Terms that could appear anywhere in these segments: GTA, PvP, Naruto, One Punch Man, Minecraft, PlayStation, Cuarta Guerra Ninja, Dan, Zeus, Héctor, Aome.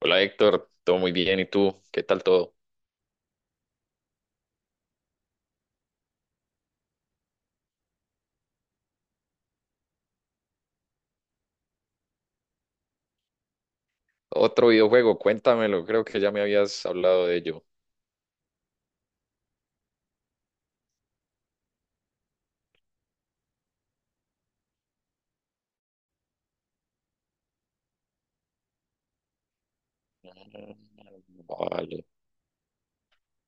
Hola Héctor, todo muy bien. ¿Y tú? ¿Qué tal todo? Otro videojuego, cuéntamelo. Creo que ya me habías hablado de ello. Mm, Vale,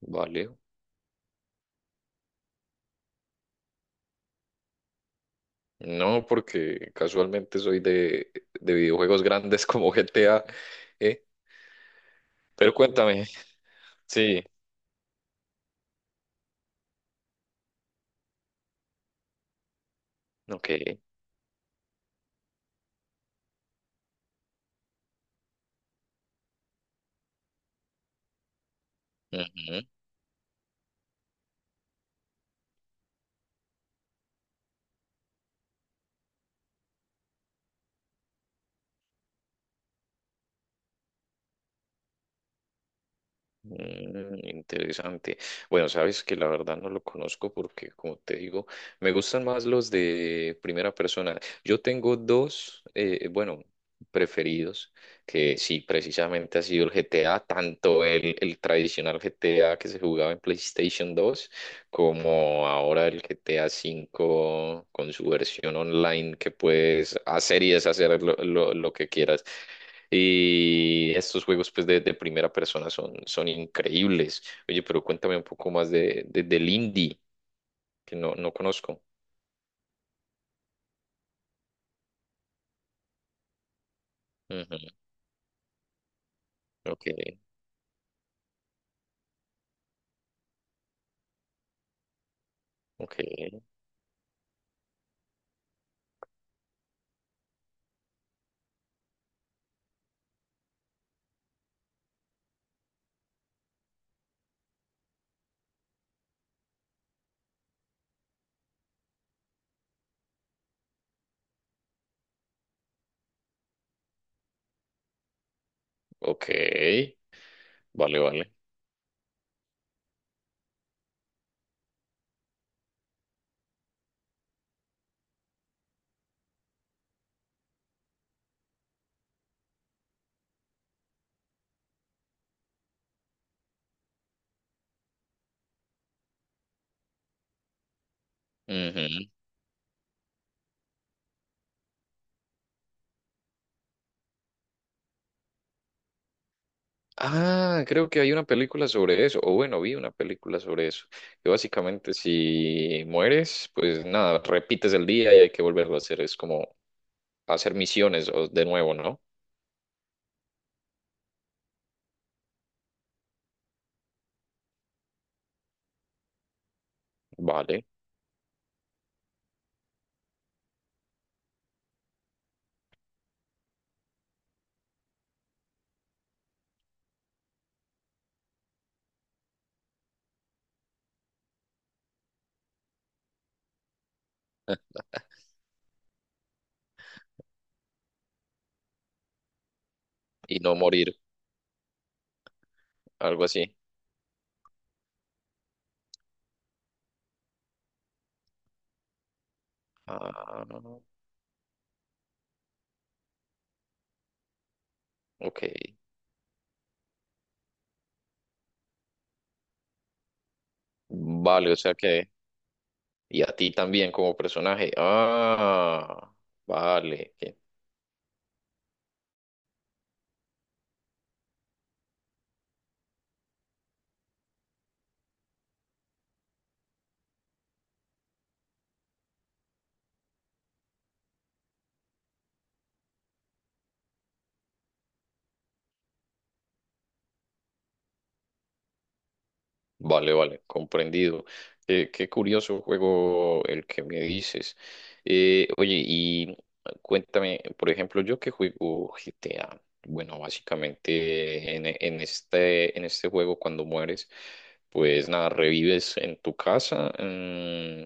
vale. No, porque casualmente soy de videojuegos grandes como GTA, ¿eh? Pero cuéntame. Sí, ok. Ujú. Mm, interesante. Bueno, sabes que la verdad no lo conozco porque, como te digo, me gustan más los de primera persona. Yo tengo dos, bueno, preferidos, que sí, precisamente ha sido el GTA, tanto el tradicional GTA que se jugaba en PlayStation 2 como ahora el GTA 5 con su versión online que puedes hacer y deshacer lo, lo que quieras. Y estos juegos pues de primera persona son, son increíbles. Oye, pero cuéntame un poco más de- del indie, que no, no conozco. Ujú, ok, ok, ok. Vale, vale. Ujú. Ah, creo que hay una película sobre eso, o bueno, vi una película sobre eso, que básicamente si mueres, pues nada, repites el día y hay que volverlo a hacer, es como hacer misiones o- de nuevo, ¿no? Vale, y no morir, algo así. Ah, ok. Vale, o sea que. Y a ti también como personaje. Ah, vale. Qué. Vale, vale, comprendido. Qué curioso juego el que me dices. Oye, y cuéntame, por ejemplo, yo que juego GTA. Bueno, básicamente en este juego cuando mueres, pues nada, revives en tu casa, mm,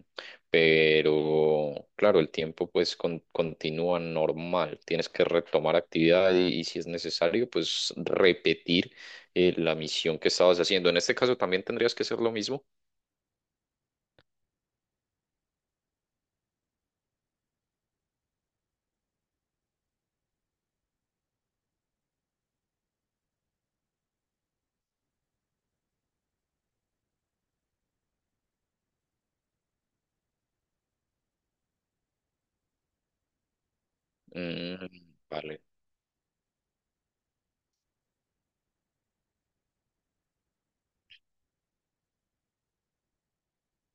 pero claro, el tiempo pues con- continúa normal. Tienes que retomar actividad y si es necesario, pues repetir la misión que estabas haciendo. En este caso también tendrías que hacer lo mismo. Mm, vale,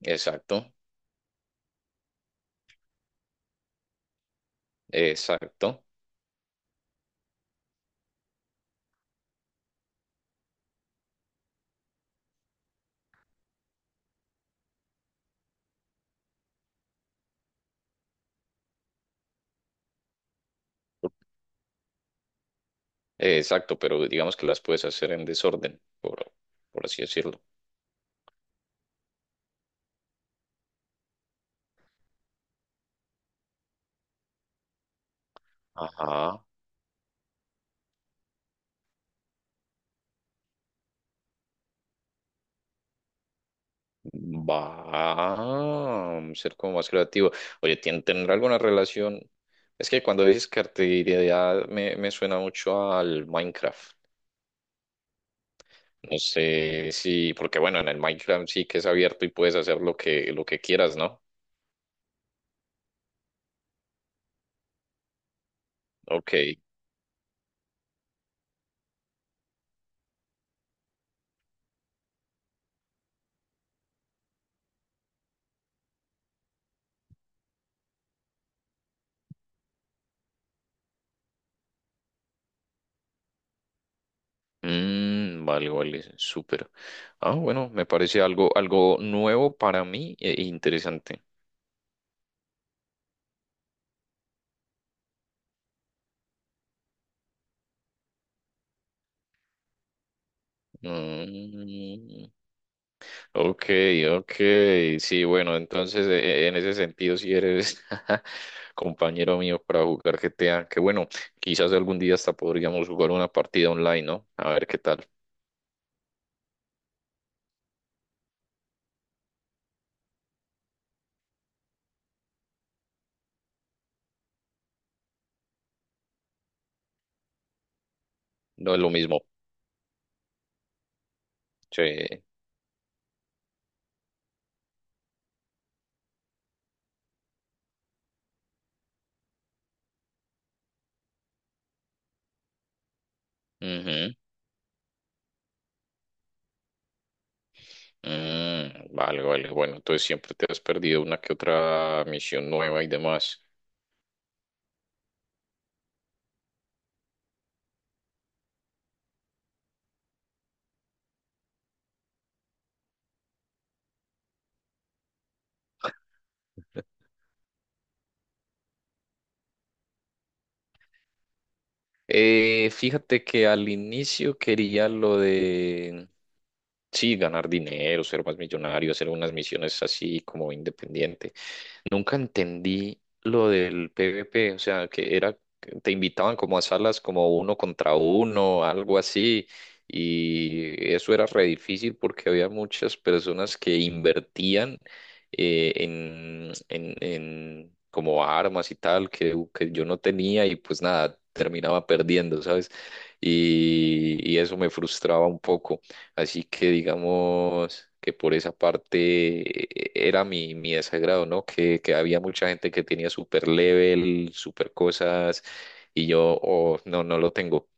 exacto, exacto, exacto, pero digamos que las puedes hacer en desorden, por así decirlo. Ajá, va a ser como más creativo. Oye, ¿tien- ¿tendrá alguna relación? Es que cuando dices creatividad me, me suena mucho al Minecraft. No sé si, porque bueno, en el Minecraft sí que es abierto y puedes hacer lo que quieras, ¿no? Ok. Mm, vale, vale, súper. Ah, bueno, me parece algo, algo nuevo para mí e e interesante. Mm, ok, ok, sí, bueno, entonces e- e, en ese sentido si eres compañero mío para jugar GTA, que bueno, quizás algún día hasta podríamos jugar una partida online, ¿no? A ver qué tal. No es lo mismo. Sí. Ujú. Mm, vale, vale, bueno, entonces siempre te has perdido una que otra misión nueva y demás. Fíjate que al inicio quería lo de, sí, ganar dinero, ser más millonario, hacer unas misiones así como independiente. Nunca entendí lo del PvP, o sea, que era, que te invitaban como a salas como uno contra uno, algo así, y eso era re difícil porque había muchas personas que invertían en, en como armas y tal que yo no tenía y pues nada, terminaba perdiendo, ¿sabes? Y eso me frustraba un poco. Así que digamos que por esa parte era mi, mi desagrado, ¿no? Que había mucha gente que tenía super level, super cosas, y yo, oh, no, no lo tengo.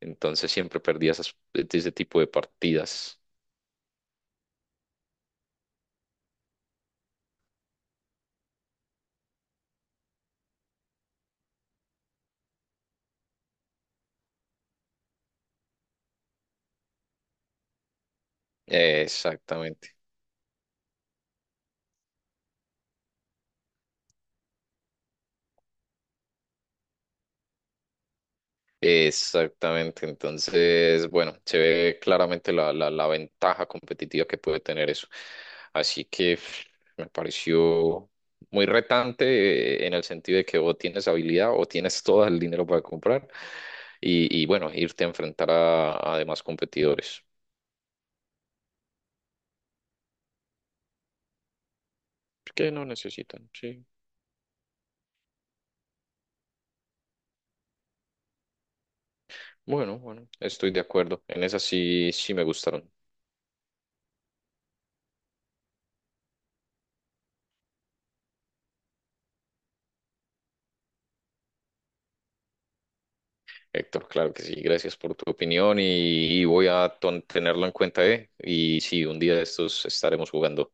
Entonces siempre perdía esas, ese tipo de partidas. Exactamente. Exactamente, entonces, bueno, se ve claramente la, la ventaja competitiva que puede tener eso. Así que pf, me pareció muy retante en el sentido de que o tienes habilidad o tienes todo el dinero para comprar y bueno, irte a enfrentar a demás competidores que no necesitan, sí. Bueno, bueno, estoy de acuerdo. En esas sí, sí me gustaron. Héctor, claro que sí, gracias por tu opinión y voy a ton- tenerlo en cuenta, ¿eh? Y sí, un día de estos estaremos jugando.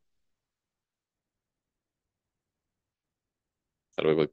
Hasta luego.